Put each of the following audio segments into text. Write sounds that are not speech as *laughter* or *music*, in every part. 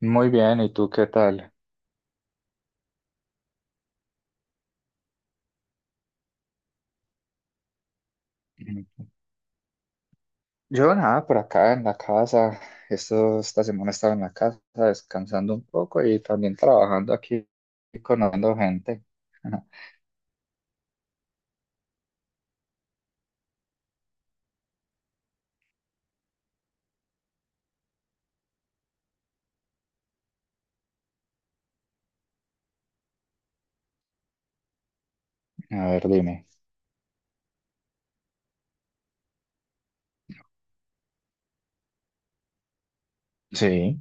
Muy bien, ¿y tú qué tal? Mm. Yo nada, por acá en la casa. Esto, esta semana estaba en la casa descansando un poco y también trabajando aquí y conociendo gente. Ajá. A ver, dime. Sí,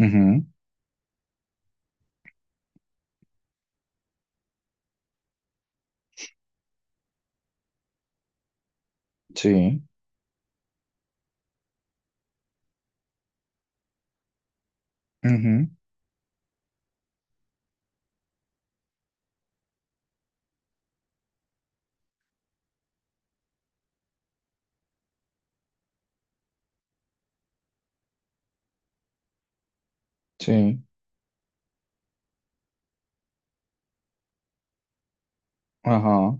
ujú, sí, ujú, sí, ajá,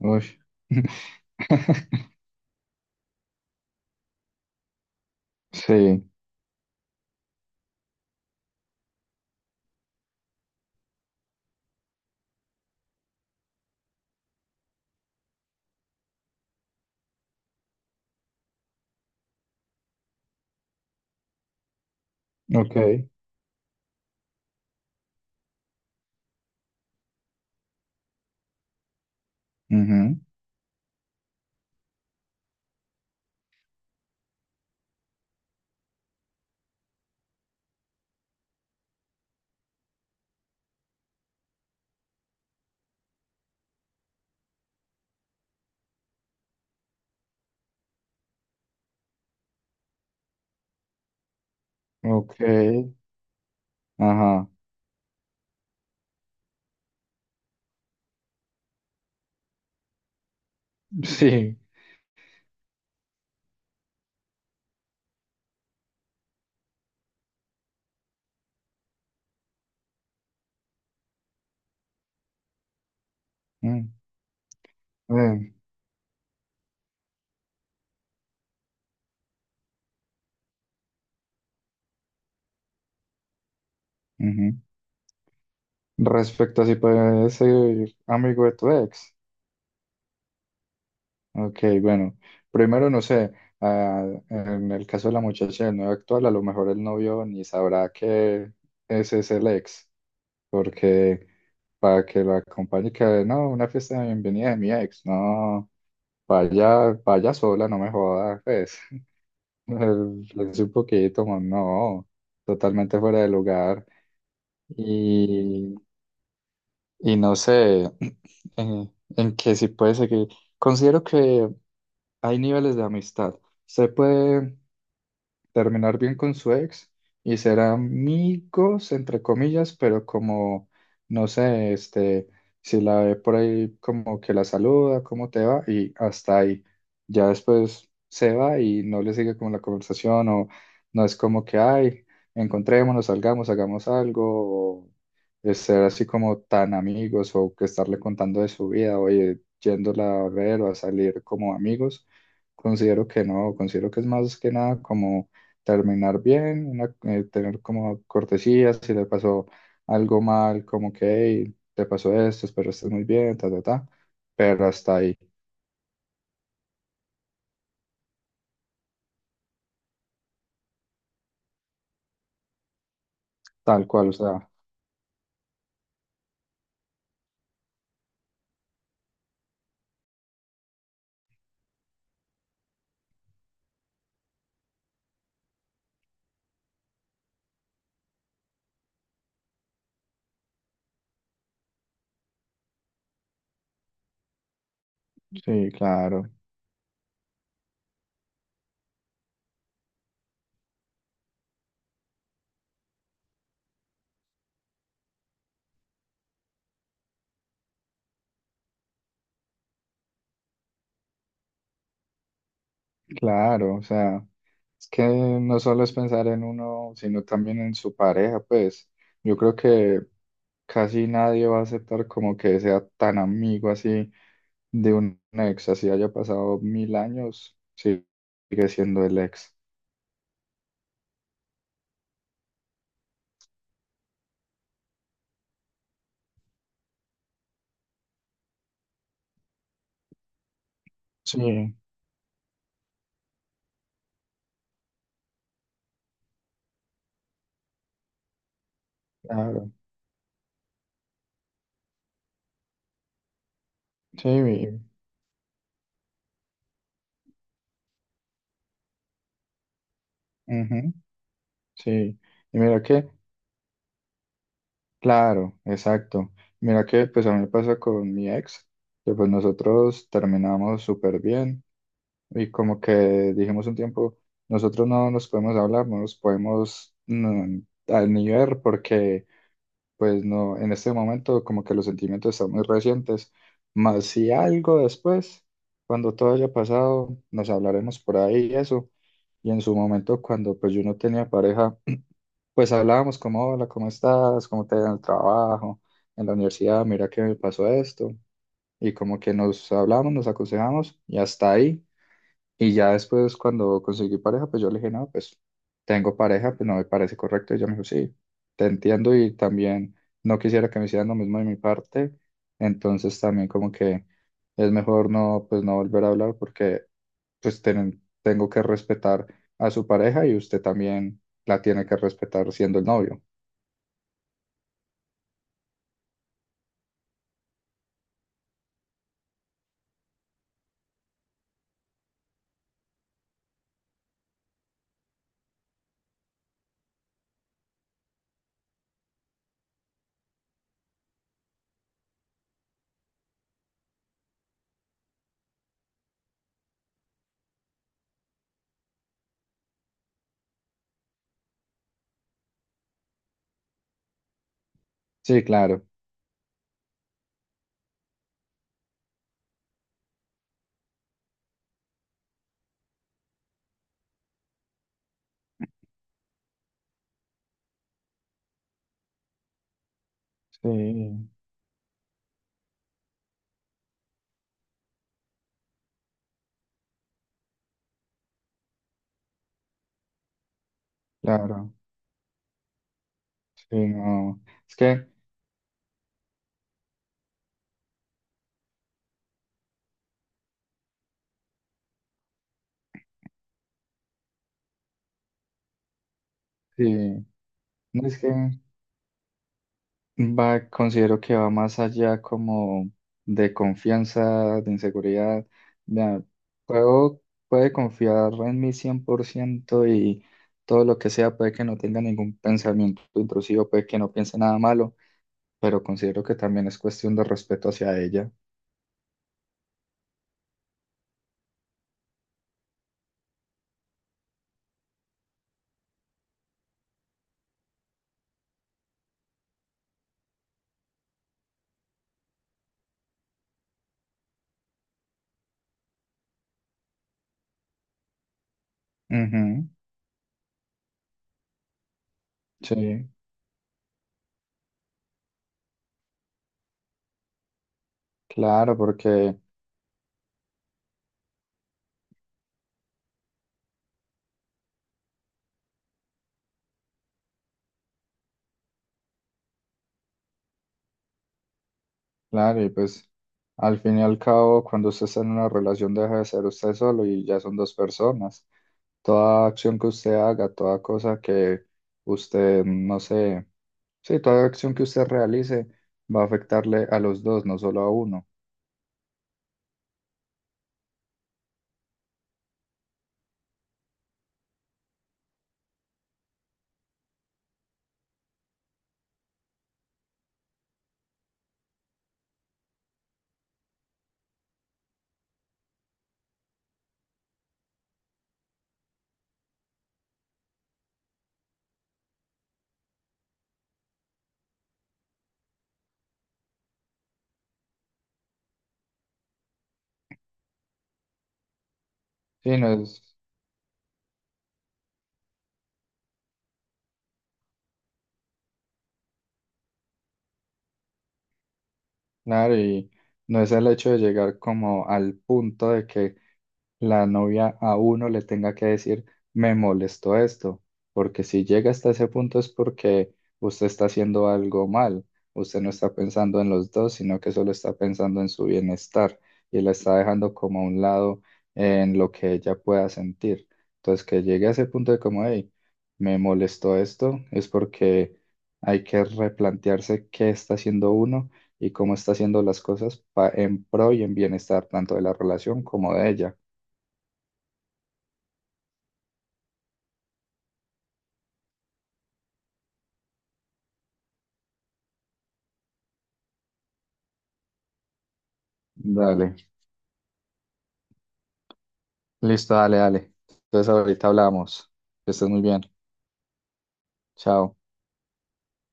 uy. *laughs* Sí, ok, ujú, ok, ajá, sí. mm, eh, ujú. Respecto a si puedes ser amigo de tu ex. Ok, bueno, primero no sé, ah, en el caso de la muchacha del novio actual, a lo mejor el novio ni sabrá que ese es el ex, porque para que lo acompañe, que no, una fiesta de bienvenida de mi ex, no, vaya, vaya sola, no me joda, pues, *laughs* es un poquito, no, totalmente fuera de lugar, y, y no sé, *clears throat* en, en que si puede seguir, considero que hay niveles de amistad, se puede terminar bien con su ex y ser amigos, entre comillas, pero como, no sé, este, si la ve por ahí, como que la saluda, cómo te va, y hasta ahí. Ya después se va y no le sigue como la conversación o no es como que, ay, encontrémonos, salgamos, hagamos algo, o es ser así como tan amigos o que estarle contando de su vida, oye, yéndola a ver o a salir como amigos. Considero que no, considero que es más que nada como terminar bien, tener como cortesías, si le pasó algo mal, como que, hey, te pasó esto, espero estés muy bien, ta, ta, ta, pero hasta ahí, tal cual, o sea, sí, claro, claro, o sea, es que no solo es pensar en uno, sino también en su pareja, pues, yo creo que casi nadie va a aceptar como que sea tan amigo así de un ex, así haya pasado mil años, sí, sigue siendo el ex. Sí, claro. Sí, ujú, sí. Y mira que, claro, exacto. Mira que pues a mí me pasa con mi ex, que pues nosotros terminamos súper bien y como que dijimos un tiempo, nosotros no nos podemos hablar, no nos podemos mm, a- ni ver porque pues no, en este momento como que los sentimientos están muy recientes. Más si algo después, cuando todo haya pasado, nos hablaremos por ahí y eso. Y en su momento, cuando pues yo no tenía pareja, pues hablábamos como, hola, ¿cómo estás? ¿Cómo te va en el trabajo? En la universidad, mira que me pasó esto. Y como que nos hablamos, nos aconsejamos y hasta ahí. Y ya después cuando conseguí pareja, pues yo le dije, no, pues tengo pareja, pues no me parece correcto. Y ella me dijo, sí, te entiendo y también no quisiera que me hicieran lo mismo de mi parte. Entonces también como que es mejor no, pues no volver a hablar porque pues tengo que respetar a su pareja y usted también la tiene que respetar siendo el novio. Sí, claro, sí, claro, sí, no, es que, sí, no es que, va, considero que va más allá como de confianza, de inseguridad. Vea, puedo, puede confiar en mí 100% y todo lo que sea, puede que no tenga ningún pensamiento intrusivo, puede que no piense nada malo, pero considero que también es cuestión de respeto hacia ella. Ujú. Sí, claro, porque... Claro, y pues al fin y al cabo, cuando usted está en una relación deja de ser usted solo y ya son dos personas. Toda acción que usted haga, toda cosa que usted, no sé, sí, toda acción que usted realice va a afectarle a los dos, no solo a uno. Sí, no es, claro, y no es el hecho de llegar como al punto de que la novia a uno le tenga que decir, me molestó esto, porque si llega hasta ese punto es porque usted está haciendo algo mal, usted no está pensando en los dos, sino que solo está pensando en su bienestar y la está dejando como a un lado en lo que ella pueda sentir. Entonces, que llegue a ese punto de como, hey, me molestó esto, es porque hay que replantearse qué está haciendo uno y cómo está haciendo las cosas en pro y en bienestar tanto de la relación como de ella. Dale, listo, dale, dale. Entonces ahorita hablamos. Que estés muy bien. Chao.